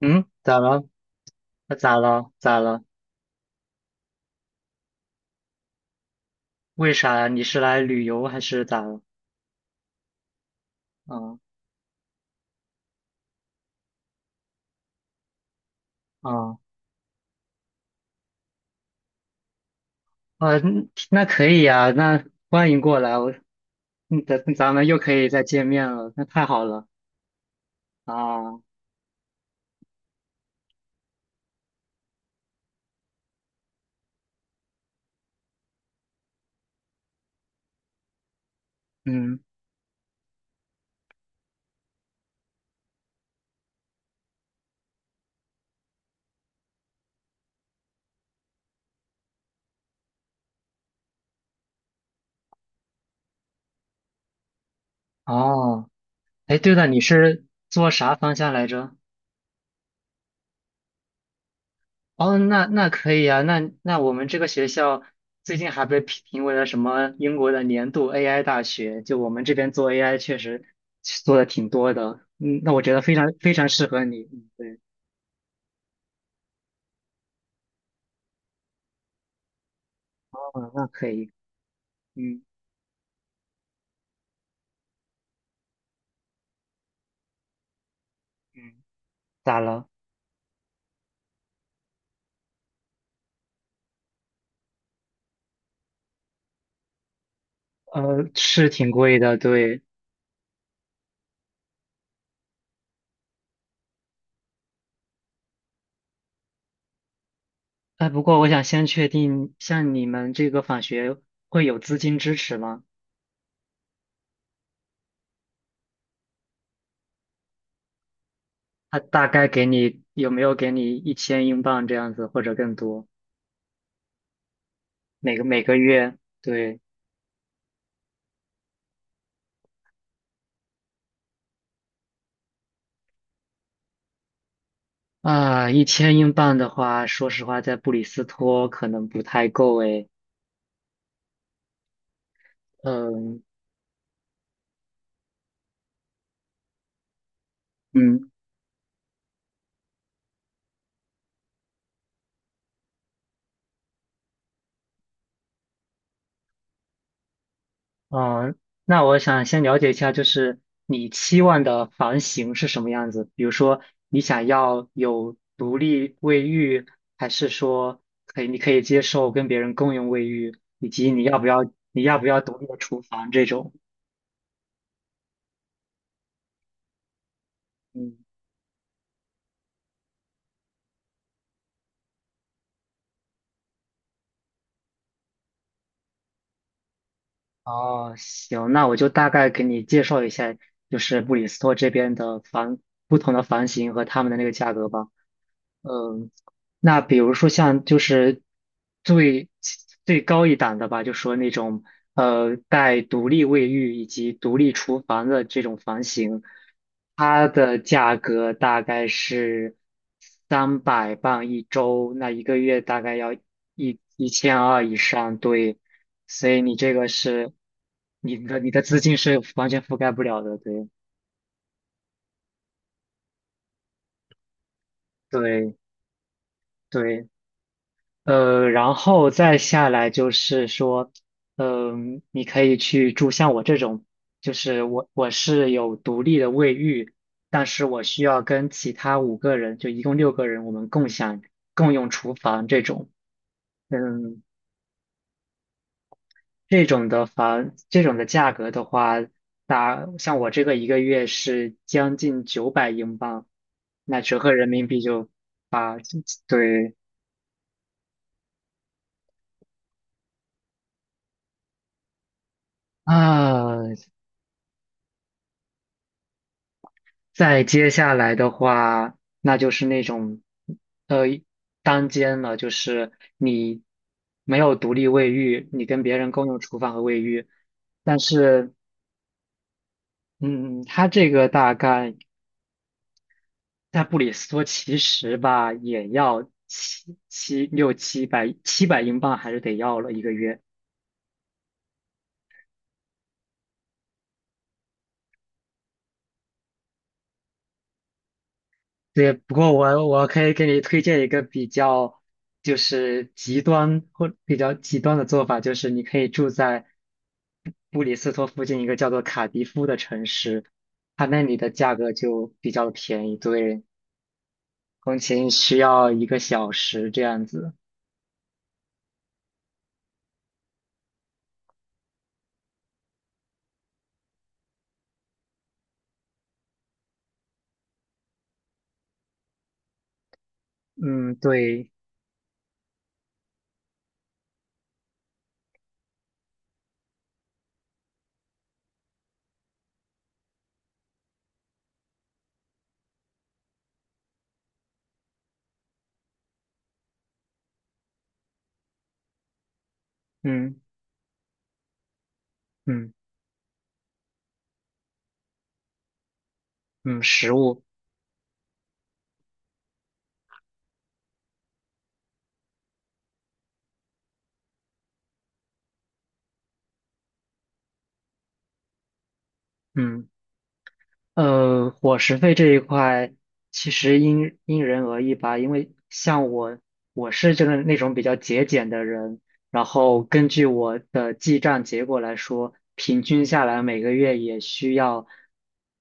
嗯，咋了？那咋了？咋了？为啥呀？你是来旅游还是咋了？啊啊啊！嗯，那可以呀，那欢迎过来。我嗯咱咱们又可以再见面了，那太好了！啊！嗯，哦，哎，对了，你是做啥方向来着？哦，那那可以啊。那我们这个学校最近还被评为了什么英国的年度 AI 大学，就我们这边做 AI 确实做的挺多的。嗯，那我觉得非常非常适合你。嗯，对。哦，那可以。嗯嗯。咋了？是挺贵的，对。哎，不过我想先确定，像你们这个访学会有资金支持吗？他大概有没有给你一千英镑这样子，或者更多？每个月，对。啊，一千英镑的话，说实话，在布里斯托可能不太够诶。嗯嗯。嗯，那我想先了解一下，就是你期望的房型是什么样子？比如说，你想要有独立卫浴，还是说你可以接受跟别人共用卫浴，以及你要不要独立的厨房这种？嗯。哦，行，那我就大概给你介绍一下，就是布里斯托这边的房，不同的房型和他们的那个价格吧。嗯，那比如说像就是最最高一档的吧，就说那种带独立卫浴以及独立厨房的这种房型，它的价格大概是300磅一周，那一个月大概要一千二以上，对。所以你这个是你的资金是完全覆盖不了的，对对对。然后再下来就是说，你可以去住像我这种，就是我是有独立的卫浴，但是我需要跟其他5个人，就一共6个人，我们共用厨房这种。嗯，这种的房，这种的价格的话，像我这个一个月是将近900英镑，那折合人民币就八。对啊。再接下来的话，那就是那种，呃，单间了，就是你没有独立卫浴，你跟别人共用厨房和卫浴。但是，嗯，它这个大概在布里斯托其实吧，也要七百英镑，还是得要了一个月。对。不过我可以给你推荐一个比较极端的做法，就是你可以住在布里斯托附近一个叫做卡迪夫的城市，它那里的价格就比较便宜，对。通勤需要1个小时这样子。嗯，对。嗯嗯嗯。食物。嗯。伙食费这一块其实因人而异吧，因为像我，我是那种比较节俭的人，然后根据我的记账结果来说，平均下来每个月也需要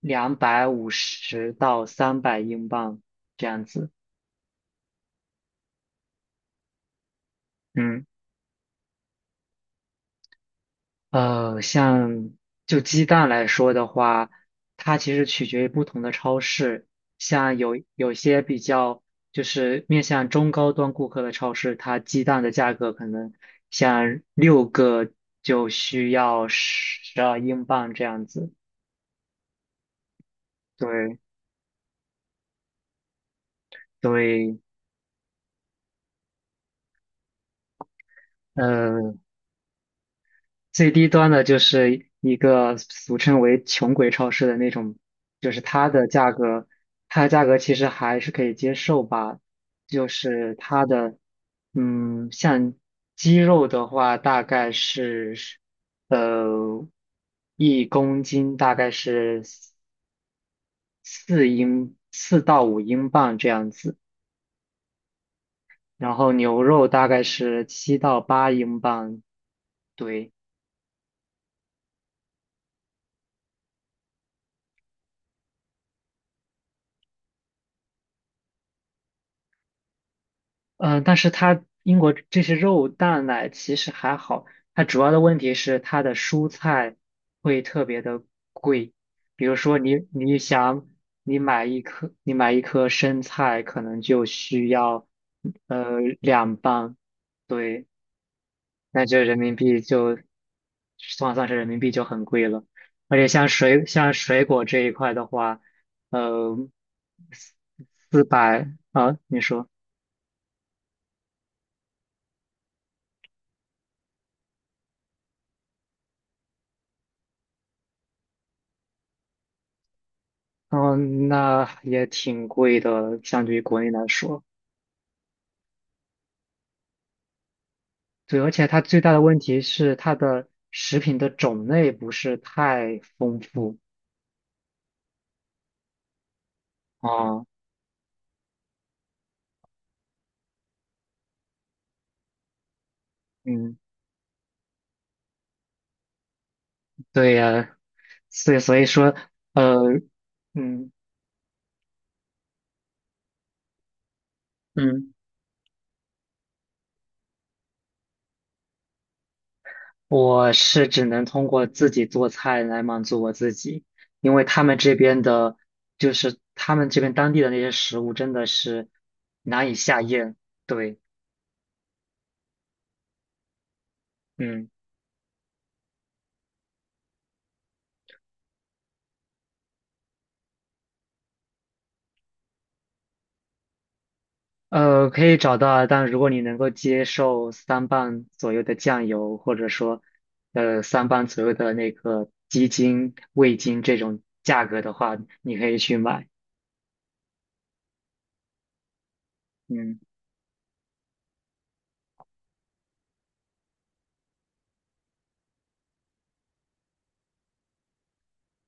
250到300英镑这样子。嗯。呃，像就鸡蛋来说的话，它其实取决于不同的超市。像有些比较就是面向中高端顾客的超市，它鸡蛋的价格可能像六个就需要12英镑这样子。对对。呃最低端的就是一个俗称为穷鬼超市的那种，就是它的价格其实还是可以接受吧。就是它的，嗯，像鸡肉的话，大概是，呃，一公斤大概是四到五英镑这样子，然后牛肉大概是7到8英镑，对。嗯，但是它英国这些肉蛋奶其实还好，它主要的问题是它的蔬菜会特别的贵。比如说你买一颗生菜可能就需要两磅，对。那就人民币就算是人民币就很贵了。而且像水果这一块的话，呃四百啊，你说。嗯，那也挺贵的，相对于国内来说。对，而且它最大的问题是它的食品的种类不是太丰富啊。嗯，对呀，所以说，呃，嗯嗯，我是只能通过自己做菜来满足我自己，因为他们这边当地的那些食物真的是难以下咽。对。嗯。可以找到啊。但如果你能够接受三磅左右的酱油，或者说，三磅左右的那个鸡精、味精这种价格的话，你可以去买。嗯，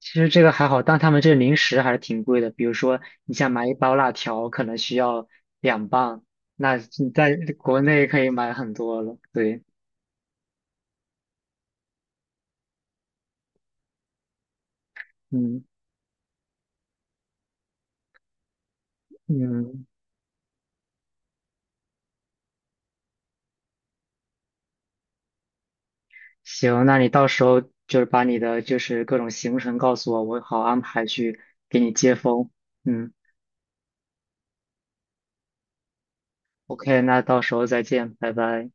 其实这个还好，但他们这个零食还是挺贵的。比如说，你想买一包辣条，可能需要两磅，那你在国内可以买很多了。对。嗯嗯。行，那你到时候就是把你的就是各种行程告诉我，我好安排去给你接风。嗯，OK,那到时候再见，拜拜。